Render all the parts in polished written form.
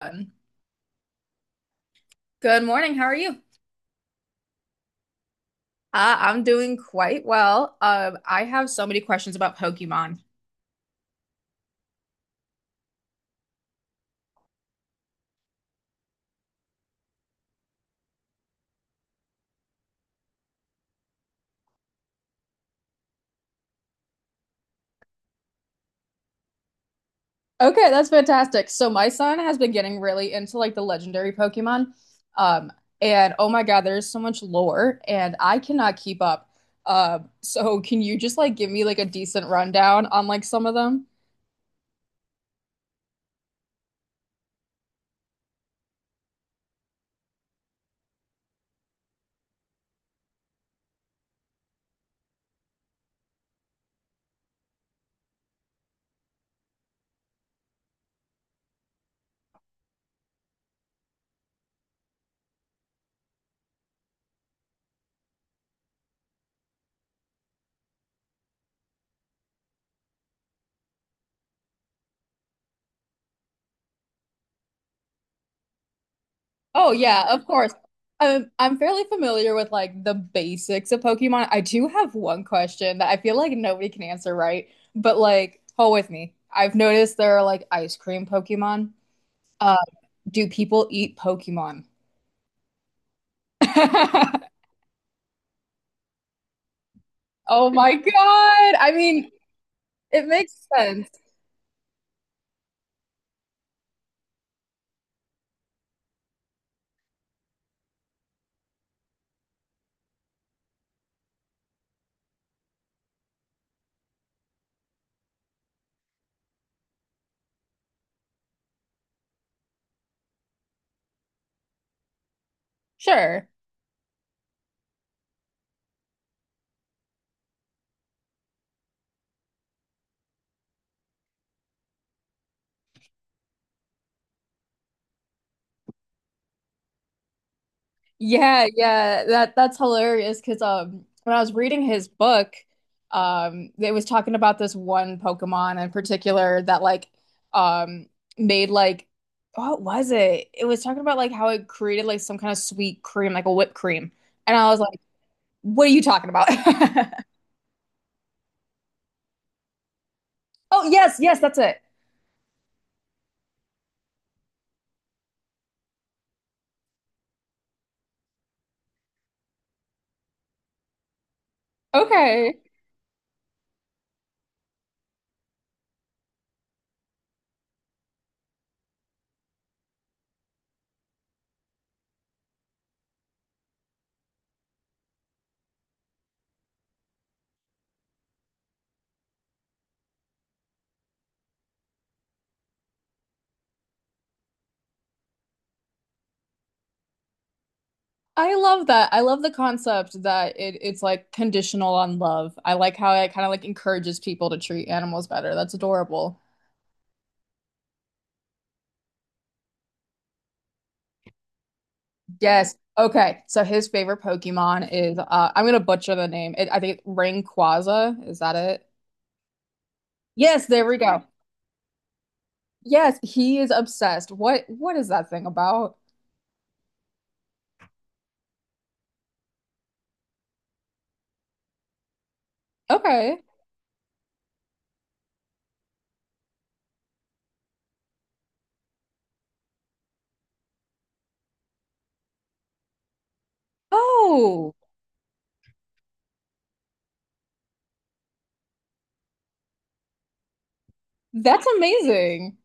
Um, Good morning. How are you? I'm doing quite well. I have so many questions about Pokemon. Okay, that's fantastic. So my son has been getting really into like the legendary Pokemon. Um, and oh my God, there's so much lore and I cannot keep up. So can you just like give me like a decent rundown on like some of them? Oh yeah, of course. I'm fairly familiar with like the basics of Pokemon. I do have one question that I feel like nobody can answer right, but like hold with me. I've noticed there are like ice cream Pokemon. Uh, do people eat Pokemon? Oh my God. I mean, it makes sense. Sure. Yeah, yeah, that's hilarious because when I was reading his book, it was talking about this one Pokemon in particular that like um made like what was it? It was talking about like how it created like some kind of sweet cream, like a whipped cream. And I was like, what are you talking about? Oh, yes, yes, that's it. Okay. I love that. I love the concept that it's like conditional on love. I like how it kind of like encourages people to treat animals better. That's adorable. Yes. Okay. So his favorite Pokemon is I'm gonna butcher the name. It, I think Rayquaza. Is that it? Yes, there we go. Yes, he is obsessed. What is that thing about? Okay. Oh, that's amazing.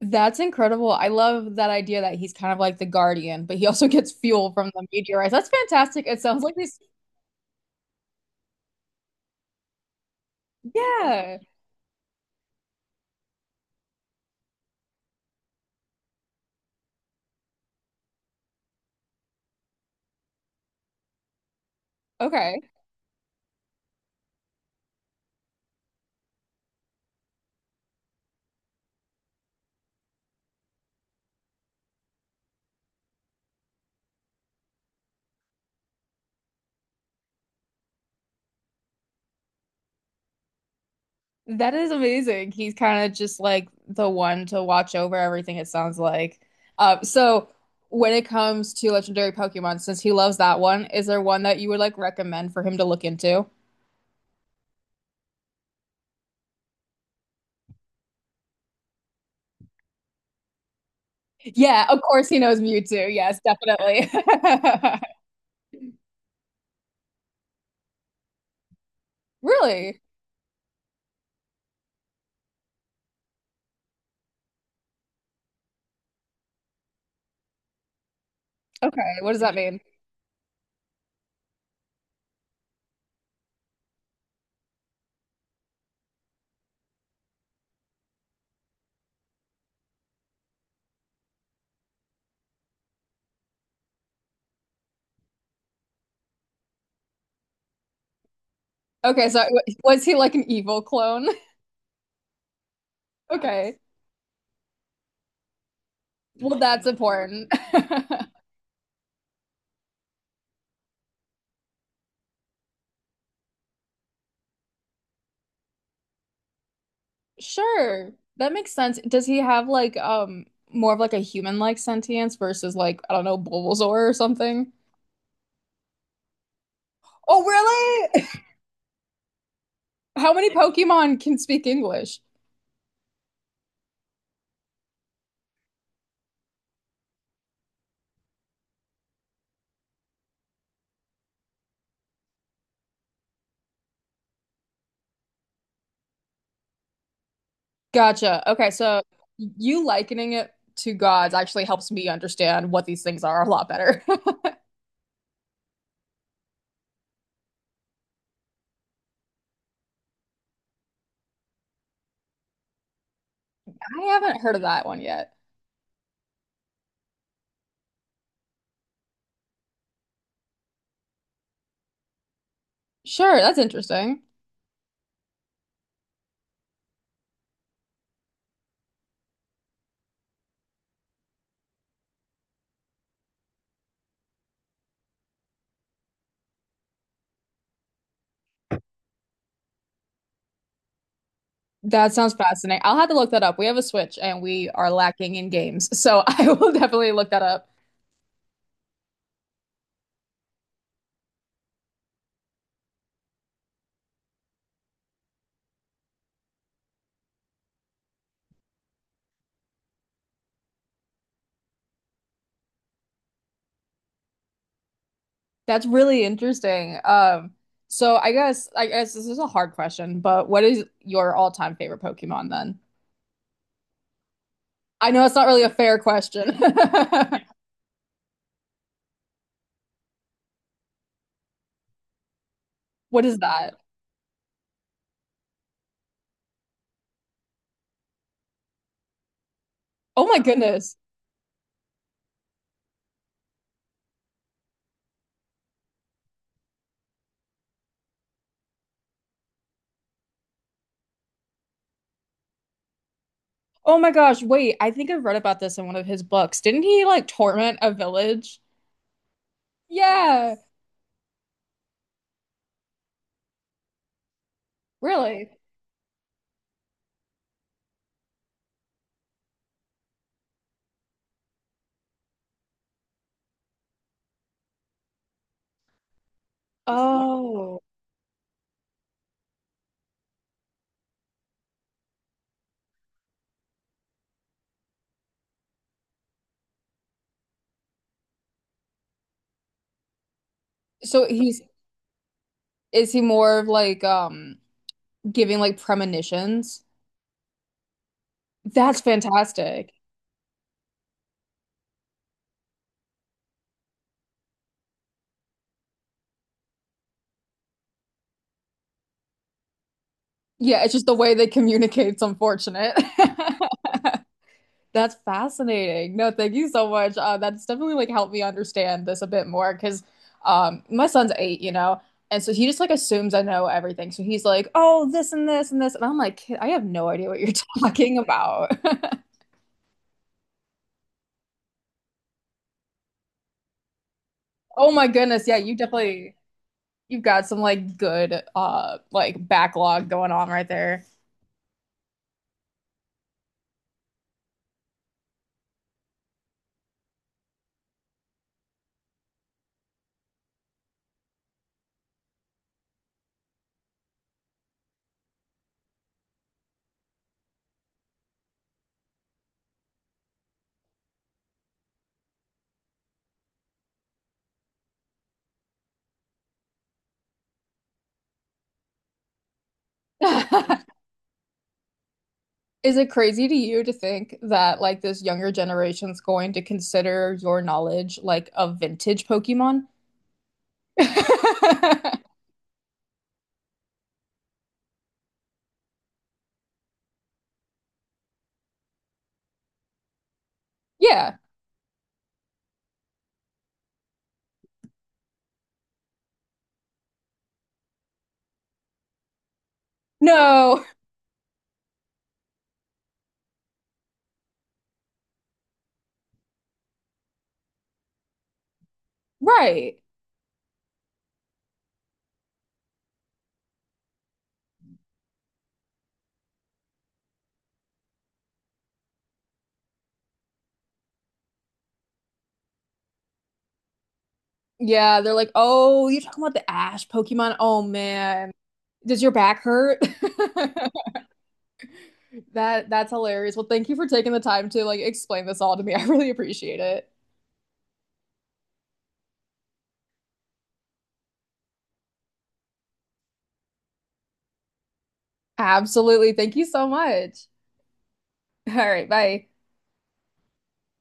That's incredible. I love that idea that he's kind of like the guardian, but he also gets fuel from the meteorites. That's fantastic. It sounds like this. Yeah. Okay. That is amazing. He's kind of just like the one to watch over everything, it sounds like. So when it comes to legendary Pokemon, since he loves that one, is there one that you would like recommend for him to look into? Yeah, of course he knows Mewtwo. Yes, definitely. Really? Okay, what does that mean? Okay, so was he like an evil clone? Okay. Well, that's important. Sure. That makes sense. Does he have like more of like a human-like sentience versus like, I don't know, Bulbasaur or something? Oh, really? How many Pokemon can speak English? Gotcha. Okay, so you likening it to gods actually helps me understand what these things are a lot better. I haven't heard of that one yet. Sure, that's interesting. That sounds fascinating. I'll have to look that up. We have a Switch and we are lacking in games, so I will definitely look that up. That's really interesting. So I guess this is a hard question, but what is your all-time favorite Pokemon then? I know it's not really a fair question. What is that? Oh my goodness. Oh my gosh, wait, I think I've read about this in one of his books. Didn't he like torment a village? Yeah, yes. Really? Oh. So he's Is he more of like giving like premonitions? That's fantastic. Yeah, it's just the way they communicate's unfortunate. That's fascinating. No, thank you so much. That's definitely like helped me understand this a bit more because my son's eight, you know, and so he just like assumes I know everything. So he's like, "Oh, this and this and this," and I'm like, "Kid, I have no idea what you're talking about." Oh my goodness, yeah, you definitely you've got some like good like backlog going on right there. Is it crazy to you to think that like this younger generation's going to consider your knowledge like a vintage Pokemon? Yeah. No. Right. Yeah, they're like, "Oh, you're talking about the Ash Pokemon? Oh man. Does your back hurt?" That's hilarious. Well, thank you for taking the time to like explain this all to me. I really appreciate it. Absolutely. Thank you so much. All right, bye.